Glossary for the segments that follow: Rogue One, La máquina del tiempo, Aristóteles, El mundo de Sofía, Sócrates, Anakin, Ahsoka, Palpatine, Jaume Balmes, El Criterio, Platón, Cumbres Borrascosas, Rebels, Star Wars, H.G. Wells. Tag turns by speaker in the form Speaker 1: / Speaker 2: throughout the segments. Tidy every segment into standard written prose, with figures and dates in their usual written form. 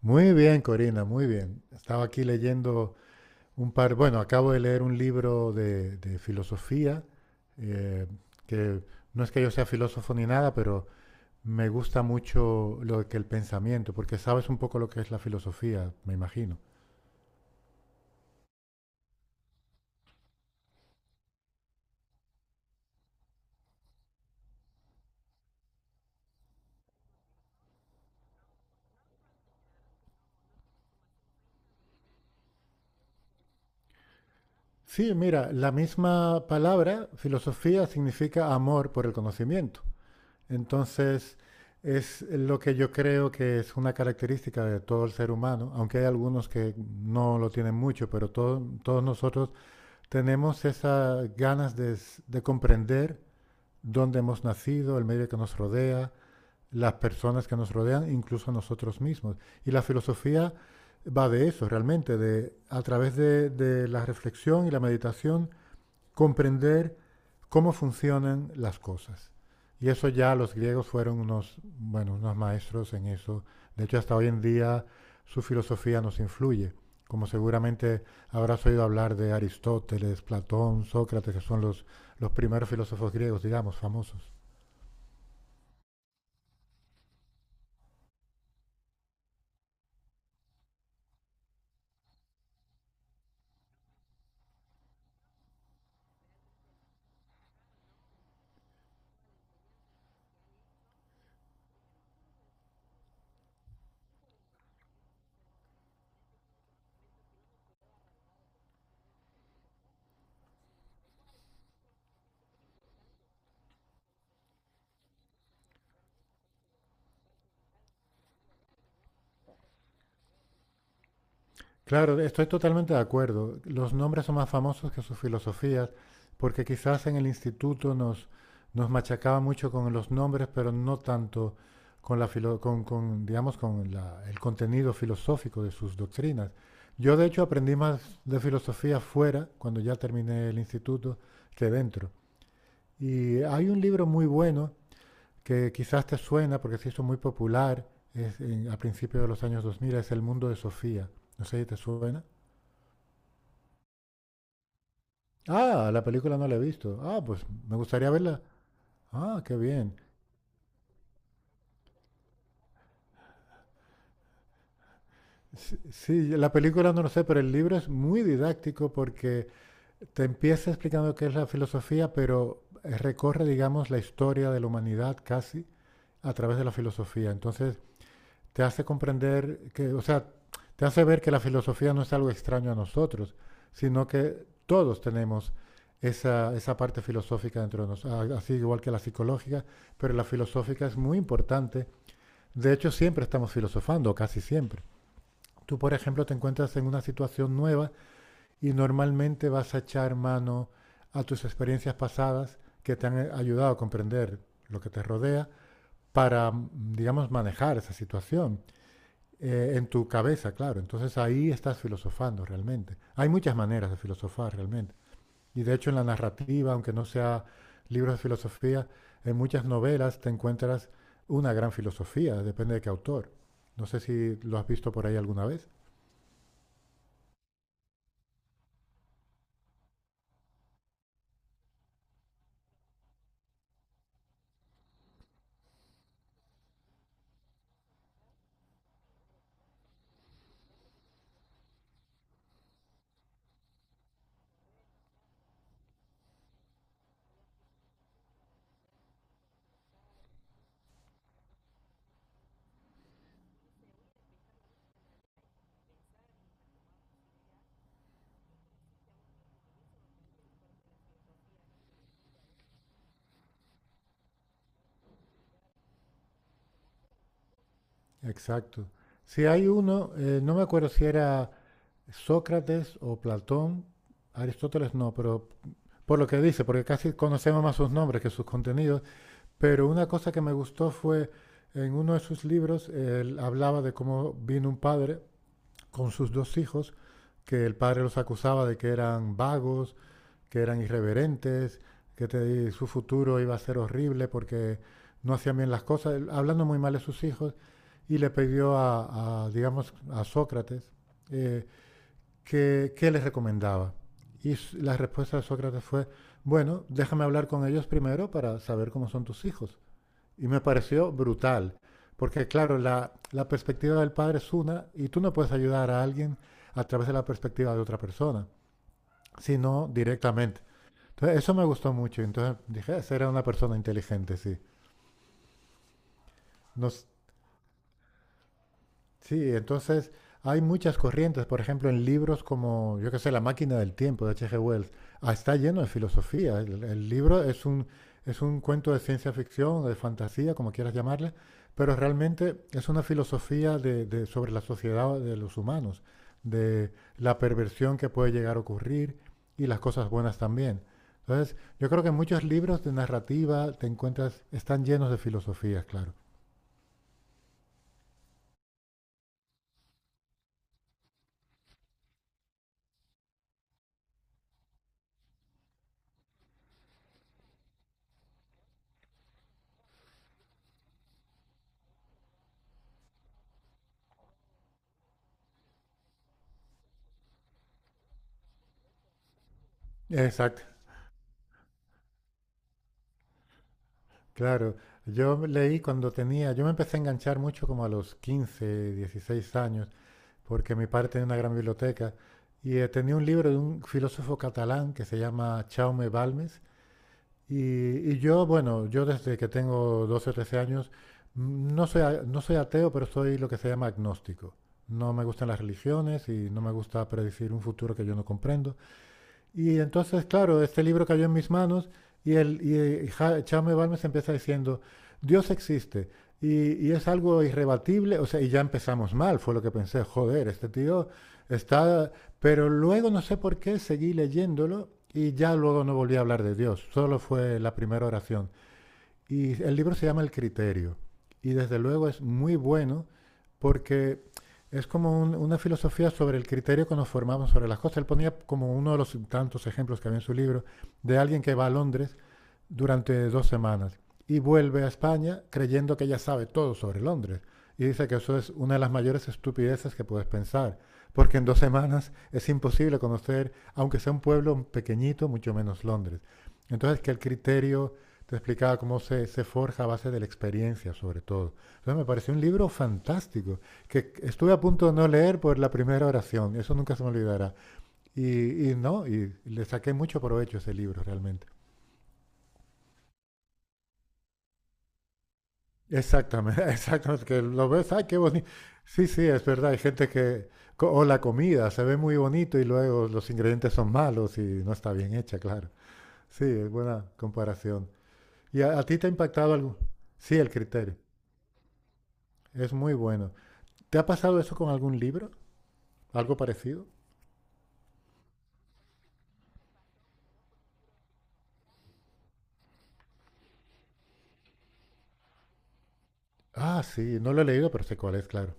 Speaker 1: Muy bien, Corina, muy bien. Estaba aquí leyendo bueno, acabo de leer un libro de filosofía, eh, que no es que yo sea filósofo ni nada, pero me gusta mucho lo que el pensamiento, porque sabes un poco lo que es la filosofía, me imagino. Sí, mira, la misma palabra, filosofía, significa amor por el conocimiento. Entonces, es lo que yo creo que es una característica de todo el ser humano, aunque hay algunos que no lo tienen mucho, pero todos nosotros tenemos esas ganas de comprender dónde hemos nacido, el medio que nos rodea, las personas que nos rodean, incluso nosotros mismos. Y la filosofía va de eso, realmente, de a través de la reflexión y la meditación, comprender cómo funcionan las cosas. Y eso ya los griegos fueron unos, bueno, unos maestros en eso. De hecho, hasta hoy en día su filosofía nos influye. Como seguramente habrás oído hablar de Aristóteles, Platón, Sócrates, que son los primeros filósofos griegos, digamos, famosos. Claro, estoy totalmente de acuerdo. Los nombres son más famosos que sus filosofías, porque quizás en el instituto nos machacaba mucho con los nombres, pero no tanto con la digamos, el contenido filosófico de sus doctrinas. Yo, de hecho, aprendí más de filosofía fuera, cuando ya terminé el instituto, que dentro. Y hay un libro muy bueno que quizás te suena porque se hizo muy popular a principios de los años 2000, es El mundo de Sofía. No sé si te suena. Ah, la película no la he visto. Ah, pues me gustaría verla. Ah, qué bien. Sí, sí, la película no lo sé, pero el libro es muy didáctico porque te empieza explicando qué es la filosofía, pero recorre, digamos, la historia de la humanidad casi a través de la filosofía. Entonces, te hace comprender que, o sea, te hace ver que la filosofía no es algo extraño a nosotros, sino que todos tenemos esa parte filosófica dentro de nosotros, así igual que la psicológica, pero la filosófica es muy importante. De hecho, siempre estamos filosofando, casi siempre. Tú, por ejemplo, te encuentras en una situación nueva y normalmente vas a echar mano a tus experiencias pasadas que te han ayudado a comprender lo que te rodea para, digamos, manejar esa situación. En tu cabeza, claro. Entonces ahí estás filosofando realmente. Hay muchas maneras de filosofar realmente. Y de hecho en la narrativa, aunque no sea libros de filosofía, en muchas novelas te encuentras una gran filosofía, depende de qué autor. No sé si lo has visto por ahí alguna vez. Exacto. Si hay uno, no me acuerdo si era Sócrates o Platón, Aristóteles no, pero por lo que dice, porque casi conocemos más sus nombres que sus contenidos, pero una cosa que me gustó fue en uno de sus libros, él hablaba de cómo vino un padre con sus dos hijos, que el padre los acusaba de que eran vagos, que eran irreverentes, que su futuro iba a ser horrible porque no hacían bien las cosas, hablando muy mal de sus hijos, y le pidió digamos, a Sócrates eh, qué les recomendaba. Y la respuesta de Sócrates fue, bueno, déjame hablar con ellos primero para saber cómo son tus hijos. Y me pareció brutal, porque claro, la perspectiva del padre es una y tú no puedes ayudar a alguien a través de la perspectiva de otra persona, sino directamente. Entonces, eso me gustó mucho. Entonces dije, esa era una persona inteligente, sí. Nos, Sí, entonces hay muchas corrientes, por ejemplo, en libros como, yo qué sé, La máquina del tiempo de H.G. Wells, ah, está lleno de filosofía. El libro es un cuento de ciencia ficción, de fantasía, como quieras llamarle, pero realmente es una filosofía sobre la sociedad de los humanos, de la perversión que puede llegar a ocurrir y las cosas buenas también. Entonces, yo creo que muchos libros de narrativa te encuentras, están llenos de filosofías, claro. Exacto. Claro, yo leí cuando tenía, yo me empecé a enganchar mucho como a los 15, 16 años, porque mi padre tenía una gran biblioteca y tenía un libro de un filósofo catalán que se llama Jaume Balmes y, y yo, bueno, yo desde que tengo 12, o 13 años no soy ateo, pero soy lo que se llama agnóstico. No me gustan las religiones y no me gusta predecir un futuro que yo no comprendo. Y entonces, claro, este libro cayó en mis manos y, el, y Ja- Jaume Balmes empieza diciendo, Dios existe y es algo irrebatible, o sea, y ya empezamos mal, fue lo que pensé, joder, este tío está... Pero luego no sé por qué seguí leyéndolo y ya luego no volví a hablar de Dios, solo fue la primera oración. Y el libro se llama El Criterio. Y desde luego es muy bueno porque es como una filosofía sobre el criterio que nos formamos sobre las cosas. Él ponía como uno de los tantos ejemplos que había en su libro de alguien que va a Londres durante 2 semanas y vuelve a España creyendo que ya sabe todo sobre Londres. Y dice que eso es una de las mayores estupideces que puedes pensar, porque en 2 semanas es imposible conocer, aunque sea un pueblo pequeñito, mucho menos Londres. Entonces, que el criterio te explicaba cómo se forja a base de la experiencia, sobre todo. Entonces me pareció un libro fantástico, que estuve a punto de no leer por la primera oración, eso nunca se me olvidará. Y no, y le saqué mucho provecho a ese libro realmente. Exactamente, exactamente, que lo ves, ay, qué bonito. Sí, sí, es verdad, hay gente que, o la comida, se ve muy bonito y luego los ingredientes son malos y no está bien hecha, claro. Sí, es buena comparación. ¿Y a ti te ha impactado algo? Sí, el criterio, es muy bueno. ¿Te ha pasado eso con algún libro? ¿Algo parecido? Ah, sí, no lo he leído, pero sé cuál es, claro.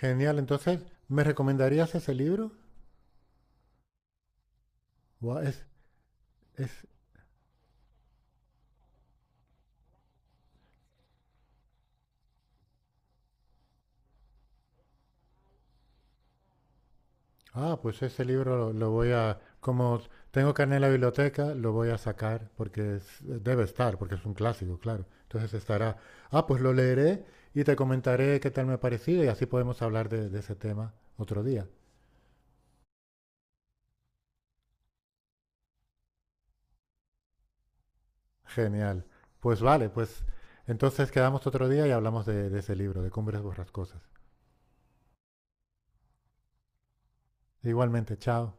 Speaker 1: Genial, entonces, ¿me recomendarías ese libro? Guau, es, ah, pues ese libro lo voy a, como tengo carné en la biblioteca, lo voy a sacar porque debe estar, porque es un clásico, claro. Entonces estará, ah, pues lo leeré y te comentaré qué tal me ha parecido y así podemos hablar de ese tema otro día. Genial. Pues vale, pues entonces quedamos otro día y hablamos de ese libro, de Cumbres Borrascosas. Igualmente, chao.